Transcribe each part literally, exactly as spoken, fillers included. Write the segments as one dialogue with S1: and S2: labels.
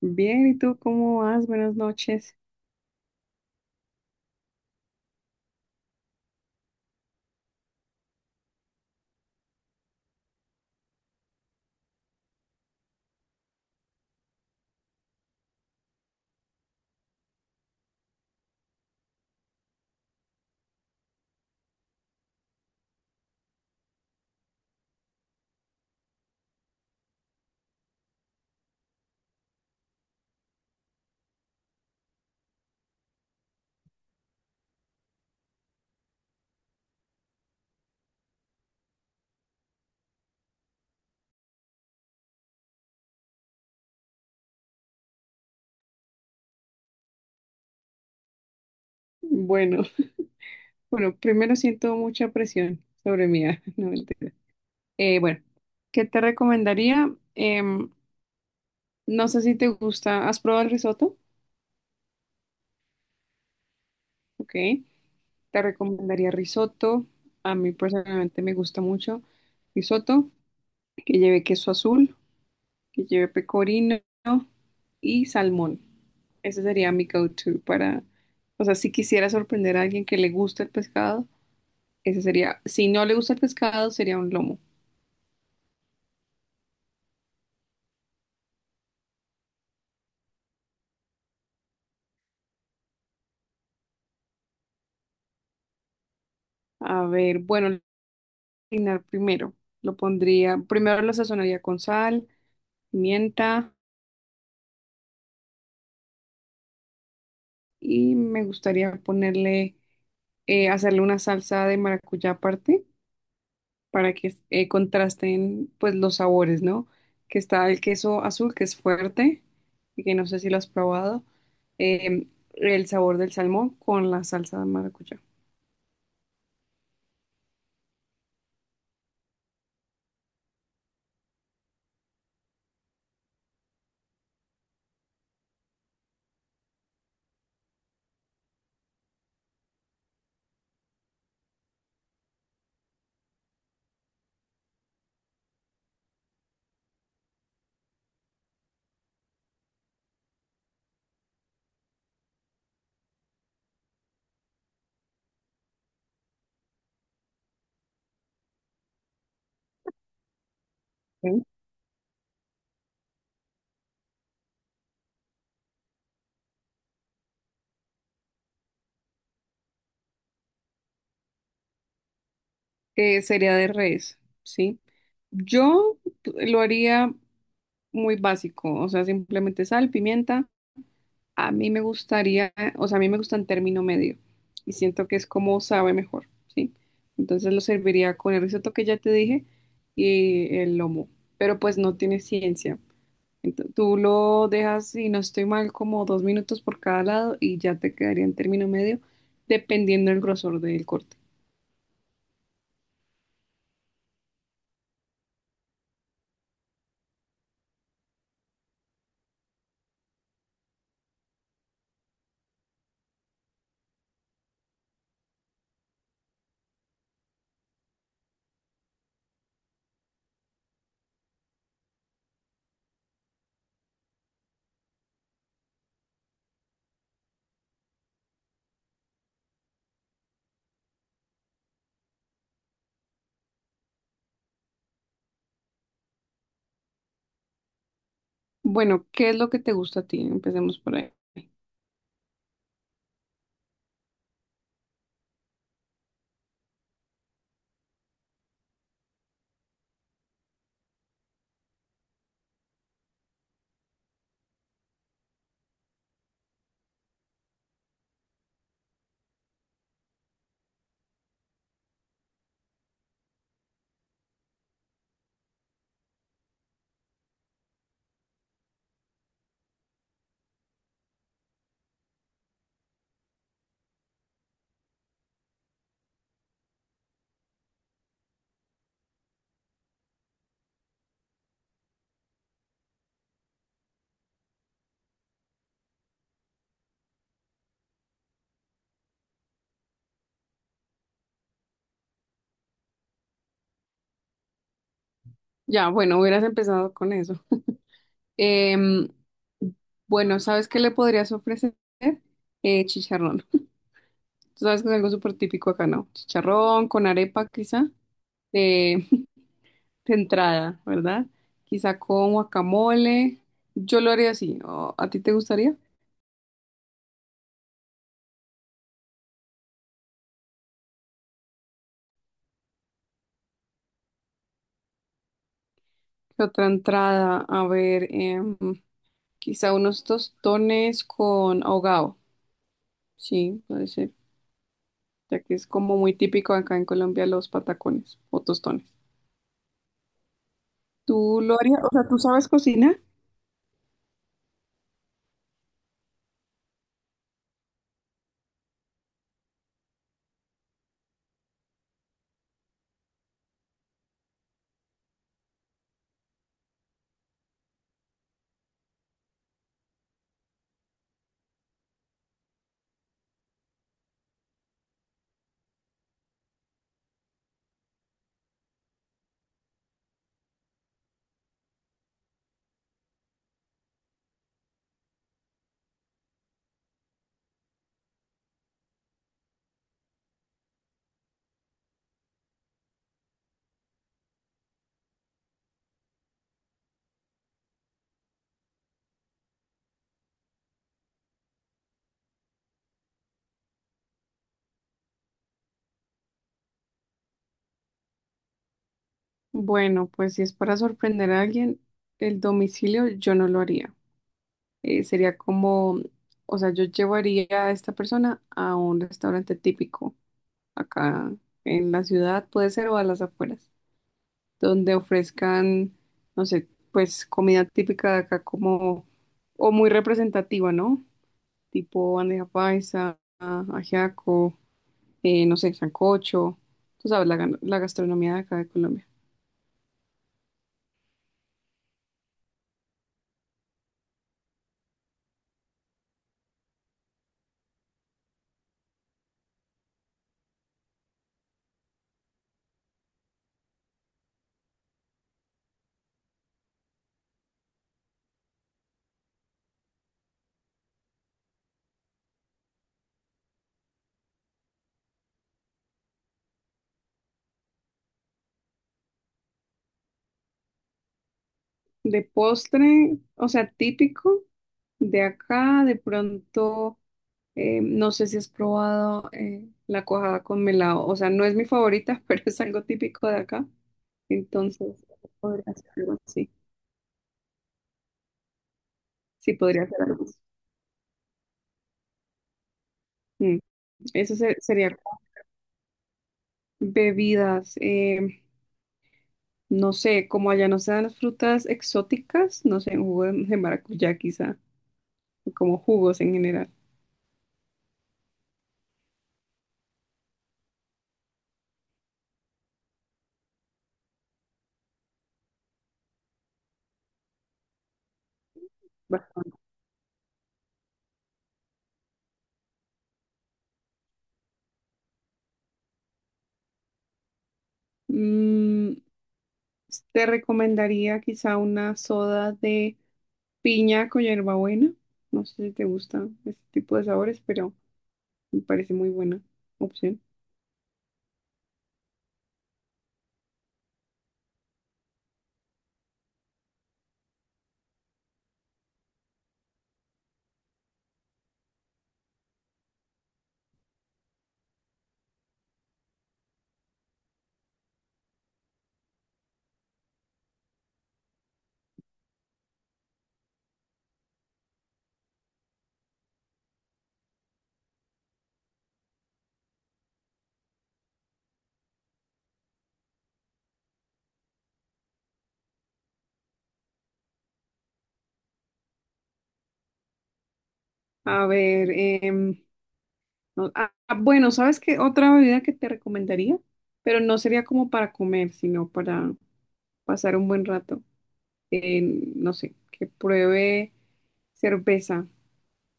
S1: Bien, ¿y tú cómo vas? Buenas noches. Bueno, bueno, primero siento mucha presión sobre mí. ah, No, mentira. Eh, bueno, ¿qué te recomendaría? Em, no sé si te gusta. ¿Has probado el risotto? Ok. Te recomendaría risotto. A mí personalmente me gusta mucho risotto, que lleve queso azul, que lleve pecorino y salmón. Ese sería mi go-to para, o sea, si quisiera sorprender a alguien que le gusta el pescado. Ese sería, si no le gusta el pescado, sería un lomo. A ver, bueno, cocinar primero. Lo pondría, primero lo sazonaría con sal, pimienta y me gustaría ponerle, eh, hacerle una salsa de maracuyá aparte para que eh, contrasten pues los sabores, ¿no? Que está el queso azul, que es fuerte, y que no sé si lo has probado, eh, el sabor del salmón con la salsa de maracuyá. Eh, sería de res, ¿sí? Yo lo haría muy básico, o sea, simplemente sal, pimienta. A mí me gustaría, o sea, a mí me gusta en término medio y siento que es como sabe mejor, ¿sí? Entonces lo serviría con el risotto que ya te dije y el lomo, pero pues no tiene ciencia. Ento- tú lo dejas, y no estoy mal, como dos minutos por cada lado y ya te quedaría en término medio, dependiendo del grosor del corte. Bueno, ¿qué es lo que te gusta a ti? Empecemos por ahí. Ya, bueno, hubieras empezado con eso. Em, bueno, ¿sabes qué le podrías ofrecer? Eh, chicharrón. Tú sabes que es algo súper típico acá, ¿no? Chicharrón con arepa, quizá, eh, de entrada, ¿verdad? Quizá con guacamole. Yo lo haría así. ¿O ¿A ti te gustaría? ¿Qué otra entrada, a ver, em, quizá unos tostones con ahogado. Sí, puede ser, ya que es como muy típico acá en Colombia los patacones o tostones. ¿Tú lo harías? O sea, ¿tú sabes cocinar? Bueno, pues si es para sorprender a alguien, el domicilio yo no lo haría. Eh, sería como, o sea, yo llevaría a esta persona a un restaurante típico acá en la ciudad, puede ser, o a las afueras, donde ofrezcan, no sé, pues comida típica de acá como, o muy representativa, ¿no? Tipo bandeja paisa, ajiaco, eh, no sé, sancocho. Tú sabes, la, gan- la gastronomía de acá de Colombia. De postre, o sea, típico de acá, de pronto, eh, no sé si has probado eh, la cuajada con melado, o sea, no es mi favorita, pero es algo típico de acá, entonces podría ser algo así, sí, podría ser algo así. Mm. Eso se- sería bebidas, eh, no sé, como allá no se dan las frutas exóticas, no sé, un jugo de de maracuyá quizá, o como jugos en general. Va. Te recomendaría quizá una soda de piña con hierbabuena. No sé si te gusta este tipo de sabores, pero me parece muy buena opción. A ver, em, no- ah, ah, bueno, ¿sabes qué? Otra bebida que te recomendaría, pero no sería como para comer, sino para pasar un buen rato. En, no sé, que pruebe cerveza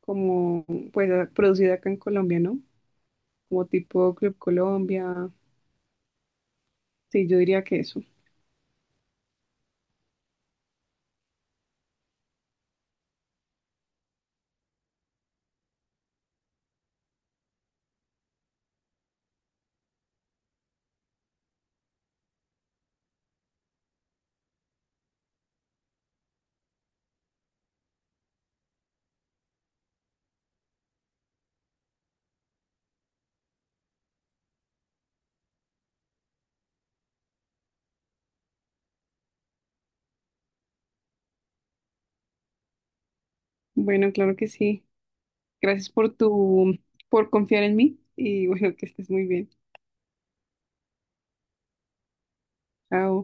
S1: como pues ah, producida acá en Colombia, ¿no? Como tipo Club Colombia. Sí, yo diría que eso. Bueno, claro que sí. Gracias por tu, por confiar en mí y bueno, que estés muy bien. Chao.